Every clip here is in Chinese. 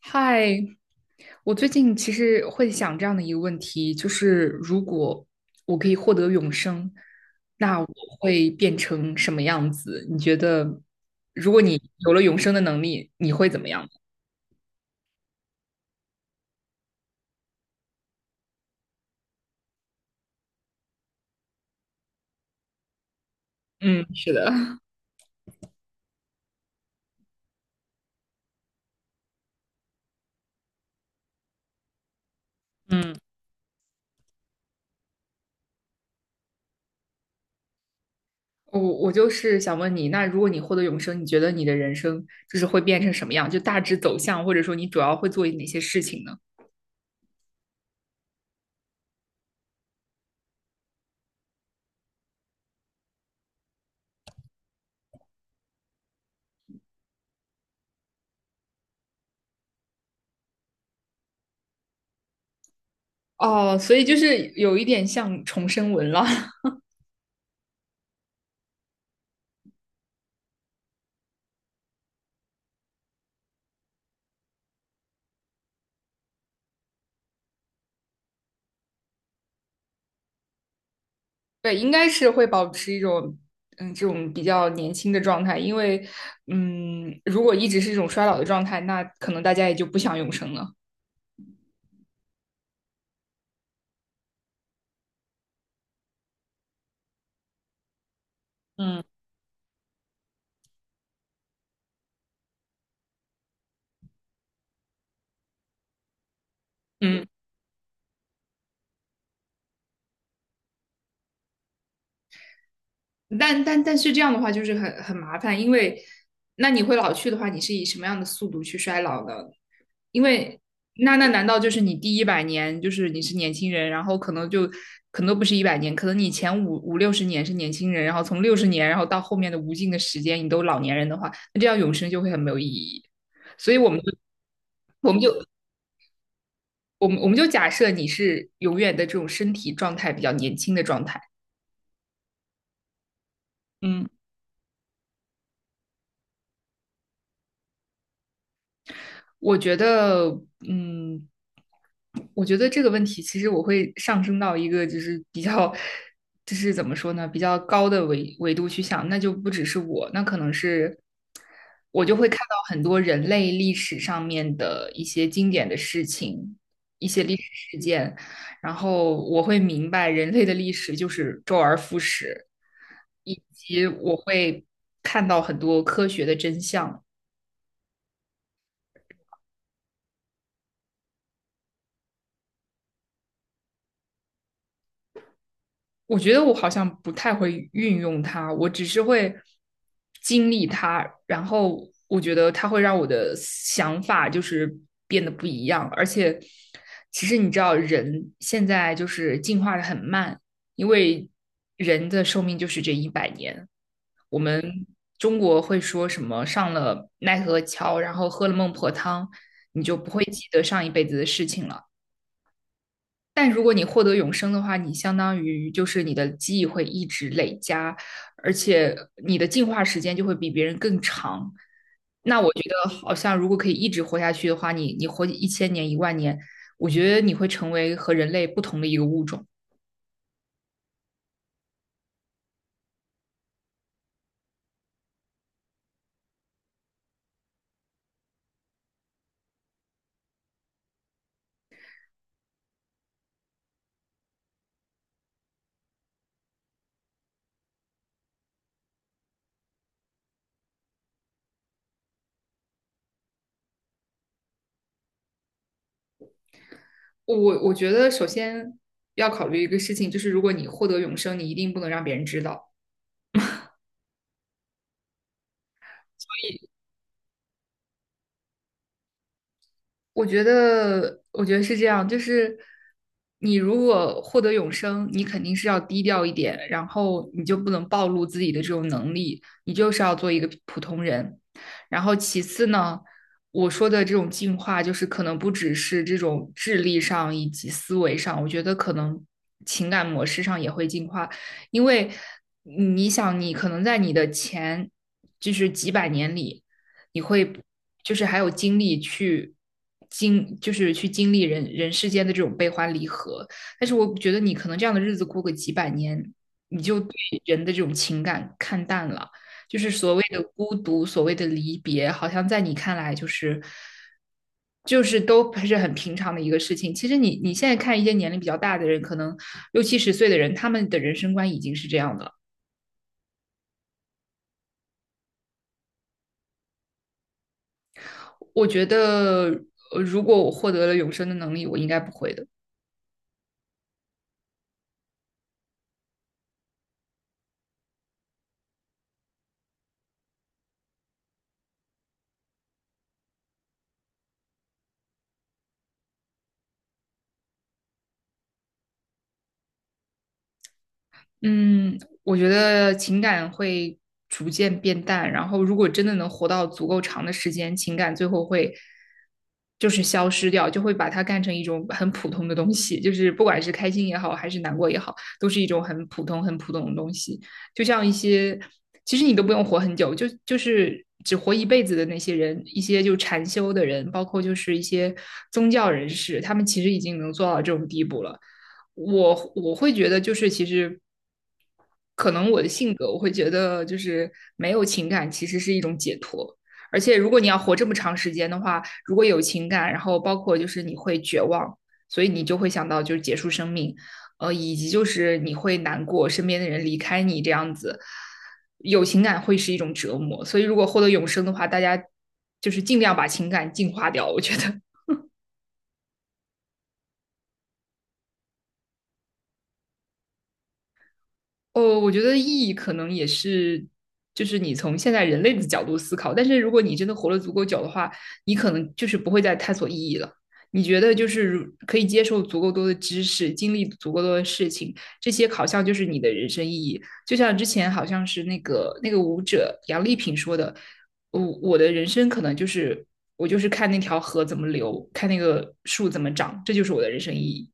嗨，我最近其实会想这样的一个问题，就是如果我可以获得永生，那我会变成什么样子？你觉得，如果你有了永生的能力，你会怎么样？嗯，是的，嗯，我就是想问你，那如果你获得永生，你觉得你的人生就是会变成什么样？就大致走向，或者说你主要会做哪些事情呢？哦，所以就是有一点像重生文了。对，应该是会保持一种这种比较年轻的状态，因为如果一直是一种衰老的状态，那可能大家也就不想永生了。嗯，嗯，但是这样的话就是很麻烦，因为那你会老去的话，你是以什么样的速度去衰老呢？因为那难道就是你第一百年就是你是年轻人，然后可能就可能都不是一百年，可能你前五六十年是年轻人，然后从六十年，然后到后面的无尽的时间，你都老年人的话，那这样永生就会很没有意义。所以我们就假设你是永远的这种身体状态比较年轻的状态。嗯，我觉得，嗯，我觉得这个问题其实我会上升到一个就是比较，就是怎么说呢，比较高的维度去想，那就不只是我，那可能是我就会看到很多人类历史上面的一些经典的事情，一些历史事件，然后我会明白人类的历史就是周而复始，以及我会看到很多科学的真相。我觉得我好像不太会运用它，我只是会经历它，然后我觉得它会让我的想法就是变得不一样。而且，其实你知道，人现在就是进化的很慢，因为人的寿命就是这一百年。我们中国会说什么上了奈何桥，然后喝了孟婆汤，你就不会记得上一辈子的事情了。但如果你获得永生的话，你相当于就是你的记忆会一直累加，而且你的进化时间就会比别人更长。那我觉得好像如果可以一直活下去的话，你活1000年、1万年，我觉得你会成为和人类不同的一个物种。我我觉得首先要考虑一个事情，就是如果你获得永生，你一定不能让别人知道。我觉得，我觉得是这样，就是你如果获得永生，你肯定是要低调一点，然后你就不能暴露自己的这种能力，你就是要做一个普通人。然后其次呢，我说的这种进化，就是可能不只是这种智力上以及思维上，我觉得可能情感模式上也会进化，因为你想，你可能在你的前就是几百年里。你会就是还有精力去就是去经历人世间的这种悲欢离合。但是我觉得你可能这样的日子过个几百年，你就对人的这种情感看淡了，就是所谓的孤独，所谓的离别，好像在你看来就是都是很平常的一个事情。其实你你现在看一些年龄比较大的人，可能六七十岁的人，他们的人生观已经是这样的了。我觉得，如果我获得了永生的能力，我应该不会的。嗯，我觉得情感会逐渐变淡，然后如果真的能活到足够长的时间，情感最后会就是消失掉，就会把它干成一种很普通的东西，就是不管是开心也好，还是难过也好，都是一种很普通、很普通的东西。就像一些，其实你都不用活很久，就是只活一辈子的那些人，一些就禅修的人，包括就是一些宗教人士，他们其实已经能做到这种地步了。我会觉得，就是其实。可能我的性格，我会觉得就是没有情感其实是一种解脱。而且如果你要活这么长时间的话，如果有情感，然后包括就是你会绝望，所以你就会想到就是结束生命，以及就是你会难过，身边的人离开你这样子，有情感会是一种折磨。所以如果获得永生的话，大家就是尽量把情感净化掉，我觉得哦，我觉得意义可能也是，就是你从现在人类的角度思考，但是如果你真的活了足够久的话，你可能就是不会再探索意义了。你觉得就是如可以接受足够多的知识，经历足够多的事情，这些好像就是你的人生意义。就像之前好像是那个舞者杨丽萍说的，我的人生可能就是我就是看那条河怎么流，看那个树怎么长，这就是我的人生意义。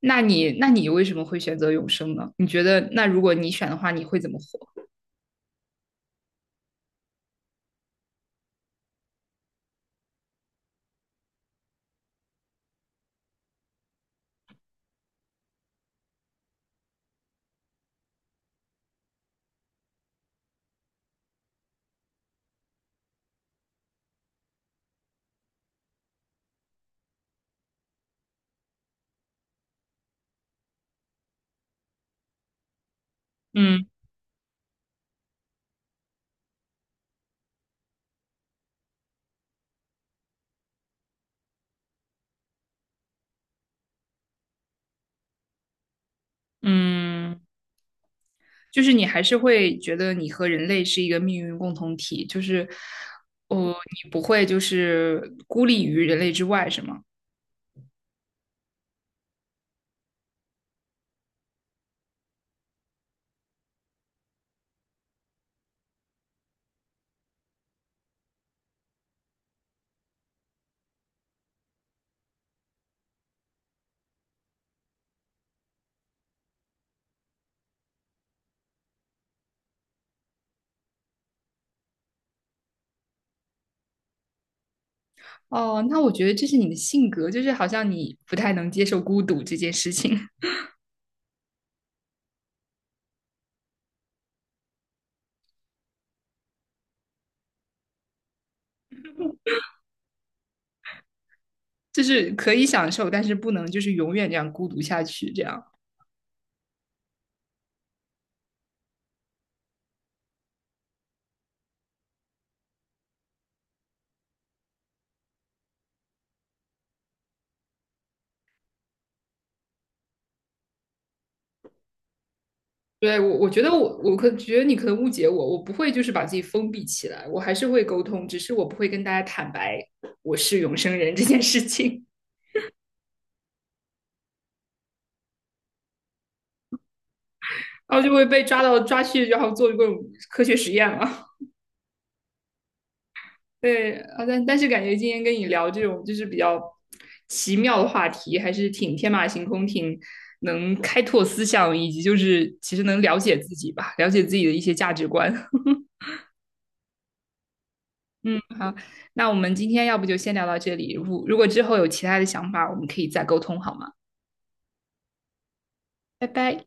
那你那你为什么会选择永生呢？你觉得那如果你选的话，你会怎么活？嗯嗯，就是你还是会觉得你和人类是一个命运共同体，就是哦，你不会就是孤立于人类之外，是吗？哦，那我觉得这是你的性格，就是好像你不太能接受孤独这件事情，就是可以享受，但是不能就是永远这样孤独下去，这样。对，我觉得我觉得你可能误解我，我不会就是把自己封闭起来，我还是会沟通，只是我不会跟大家坦白我是永生人这件事情，然后就会被抓到抓去，然后做各种科学实验了。对，啊，但是感觉今天跟你聊这种就是比较奇妙的话题，还是挺天马行空，挺能开拓思想，以及就是其实能了解自己吧，了解自己的一些价值观。嗯，好，那我们今天要不就先聊到这里。如果之后有其他的想法，我们可以再沟通，好吗？拜拜。